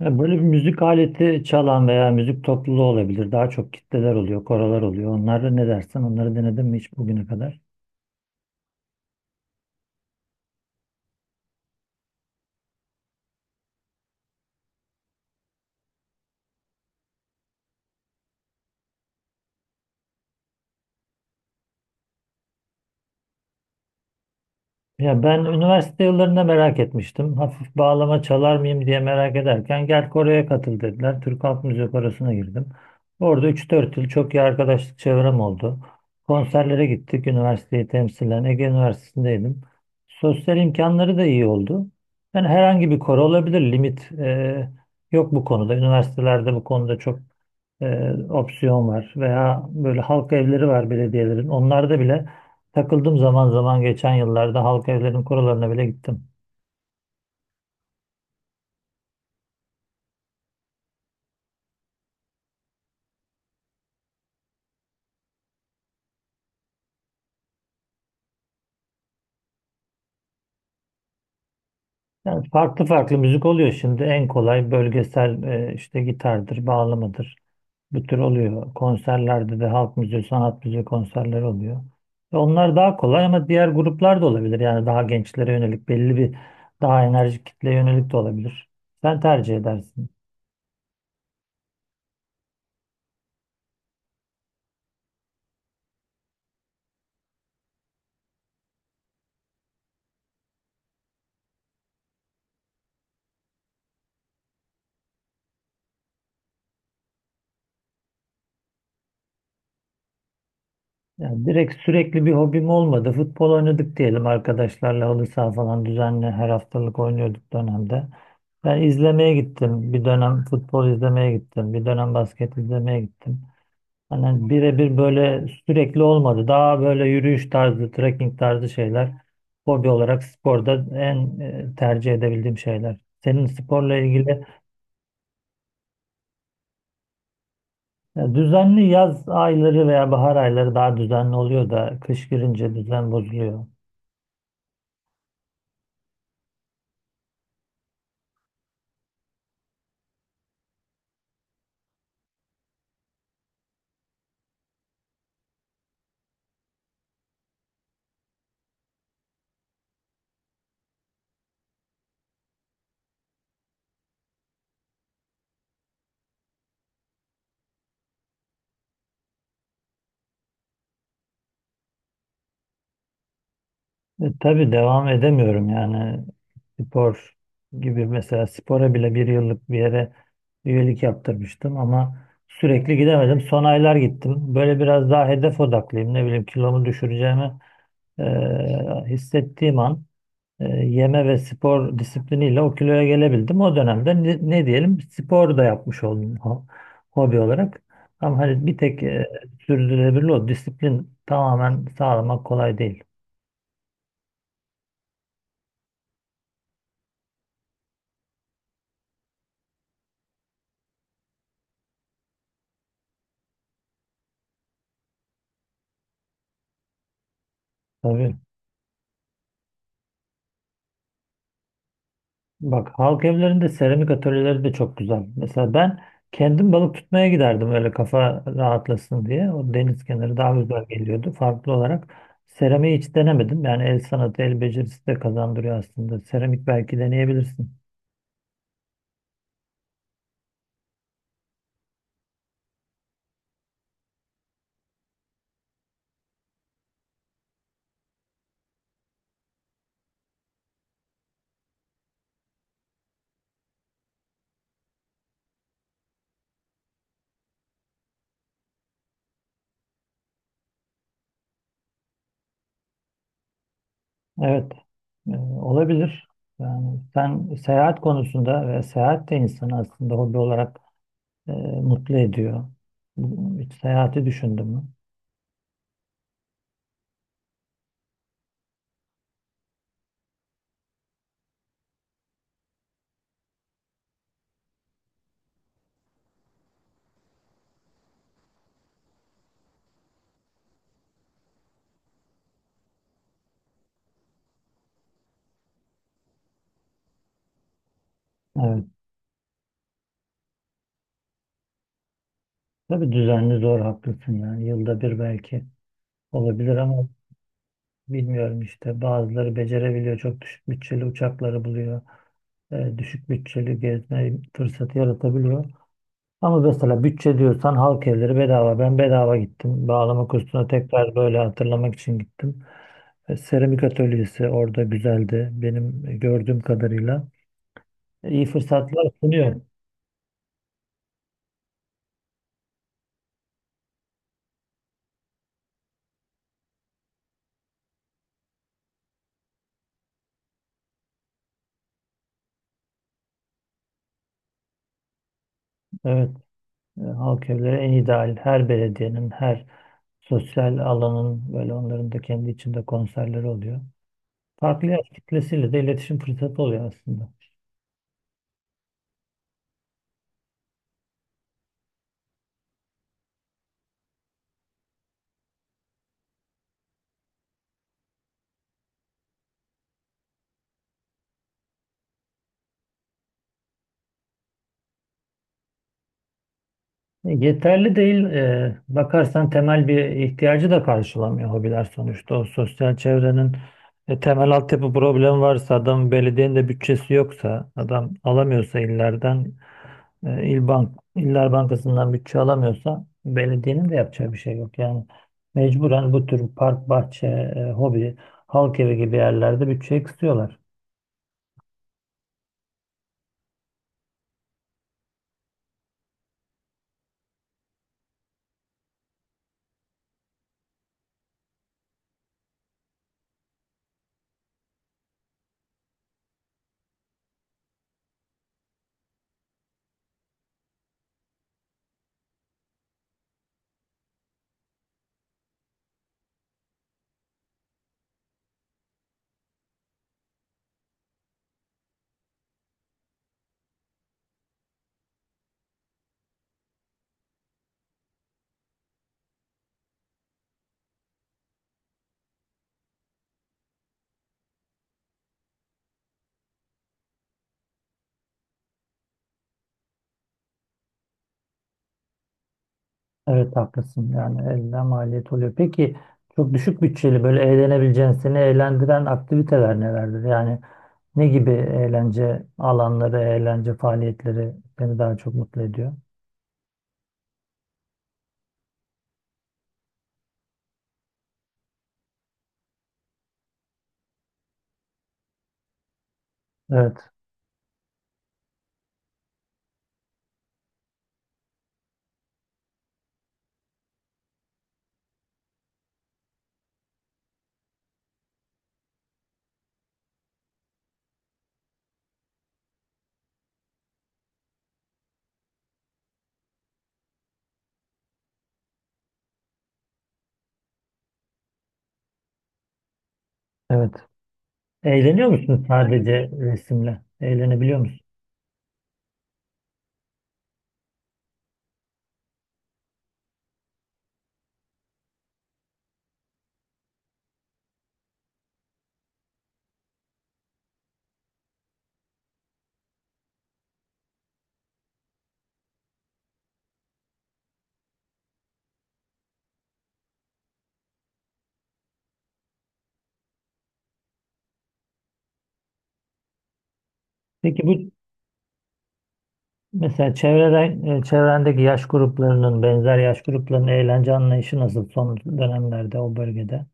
Ya böyle bir müzik aleti çalan veya müzik topluluğu olabilir. Daha çok kitleler oluyor, koralar oluyor. Onları ne dersen onları denedin mi hiç bugüne kadar? Ya ben üniversite yıllarında merak etmiştim. Hafif bağlama çalar mıyım diye merak ederken gel Kore'ye katıl dediler. Türk Halk Müziği Korosu'na girdim. Orada üç dört yıl çok iyi arkadaşlık çevrem oldu. Konserlere gittik. Üniversiteyi temsilen Ege Üniversitesi'ndeydim. Sosyal imkanları da iyi oldu. Yani herhangi bir koro olabilir. Limit yok bu konuda. Üniversitelerde bu konuda çok opsiyon var veya böyle halk evleri var belediyelerin. Onlarda bile takıldım zaman zaman geçen yıllarda halk evlerinin kurallarına bile gittim. Yani farklı farklı müzik oluyor şimdi. En kolay bölgesel işte gitardır, bağlamadır. Bu tür oluyor. Konserlerde de halk müziği, sanat müziği konserleri oluyor. Ve onlar daha kolay ama diğer gruplar da olabilir. Yani daha gençlere yönelik belli bir daha enerjik kitleye yönelik de olabilir. Sen tercih edersin. Yani direkt sürekli bir hobim olmadı. Futbol oynadık diyelim, arkadaşlarla halı saha falan düzenli her haftalık oynuyorduk dönemde. Ben izlemeye gittim. Bir dönem futbol izlemeye gittim. Bir dönem basket izlemeye gittim. Hani birebir böyle sürekli olmadı. Daha böyle yürüyüş tarzı, trekking tarzı şeyler. Hobi olarak sporda en tercih edebildiğim şeyler. Senin sporla ilgili düzenli yaz ayları veya bahar ayları daha düzenli oluyor da kış girince düzen bozuluyor. Tabii devam edemiyorum yani spor gibi mesela spora bile bir yıllık bir yere üyelik yaptırmıştım ama sürekli gidemedim. Son aylar gittim. Böyle biraz daha hedef odaklıyım. Ne bileyim kilomu düşüreceğimi e, hissettiğim an yeme ve spor disipliniyle o kiloya gelebildim. O dönemde ne, ne diyelim spor da yapmış oldum hobi olarak. Ama hani bir tek sürdürülebilir o disiplin tamamen sağlamak kolay değil. Tabii. Bak halk evlerinde seramik atölyeleri de çok güzel. Mesela ben kendim balık tutmaya giderdim öyle kafa rahatlasın diye. O deniz kenarı daha güzel geliyordu. Farklı olarak seramiği hiç denemedim. Yani el sanatı, el becerisi de kazandırıyor aslında. Seramik belki deneyebilirsin. Evet, olabilir. Yani sen seyahat konusunda ve seyahat de insanı aslında hobi olarak e, mutlu ediyor. Hiç seyahati düşündün mü? Evet. Tabii düzenli zor, haklısın yani, yılda bir belki. Olabilir ama bilmiyorum işte, bazıları becerebiliyor. Çok düşük bütçeli uçakları buluyor. Düşük bütçeli gezme fırsatı yaratabiliyor. Ama mesela bütçe diyorsan halk evleri bedava. Ben bedava gittim. Bağlama kursuna tekrar böyle hatırlamak için gittim. Seramik atölyesi orada güzeldi. Benim gördüğüm kadarıyla. İyi fırsatlar sunuyor. Evet. Halk evleri en ideal. Her belediyenin, her sosyal alanın böyle onların da kendi içinde konserleri oluyor. Farklı yaş kitlesiyle de iletişim fırsatı oluyor aslında. Yeterli değil. Bakarsan temel bir ihtiyacı da karşılamıyor hobiler sonuçta. O sosyal çevrenin temel altyapı problemi varsa, adam belediyenin de bütçesi yoksa, adam alamıyorsa illerden, il bank, iller bankasından bütçe alamıyorsa belediyenin de yapacağı bir şey yok. Yani mecburen bu tür park, bahçe, hobi, halk evi gibi yerlerde bütçe kısıyorlar. Evet haklısın, yani elde maliyet oluyor. Peki çok düşük bütçeli böyle eğlenebileceğin, seni eğlendiren aktiviteler nelerdir? Yani ne gibi eğlence alanları, eğlence faaliyetleri seni daha çok mutlu ediyor? Evet, evet. Eğleniyor musun sadece resimle? Eğlenebiliyor musun? Peki bu mesela çevreden, çevrendeki yaş gruplarının, benzer yaş gruplarının eğlence anlayışı nasıl son dönemlerde o bölgede?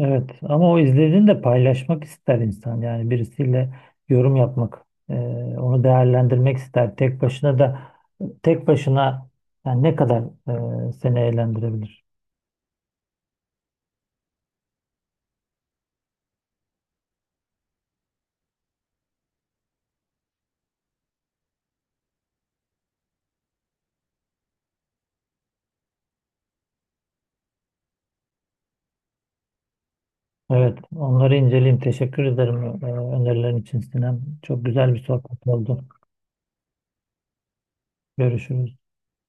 Evet ama o izlediğini de paylaşmak ister insan, yani birisiyle yorum yapmak, e, onu değerlendirmek ister. Tek başına yani ne kadar seni eğlendirebilir. Evet, onları inceleyeyim, teşekkür ederim önerilerin için Sinem, çok güzel bir sohbet oldu. Görüşürüz.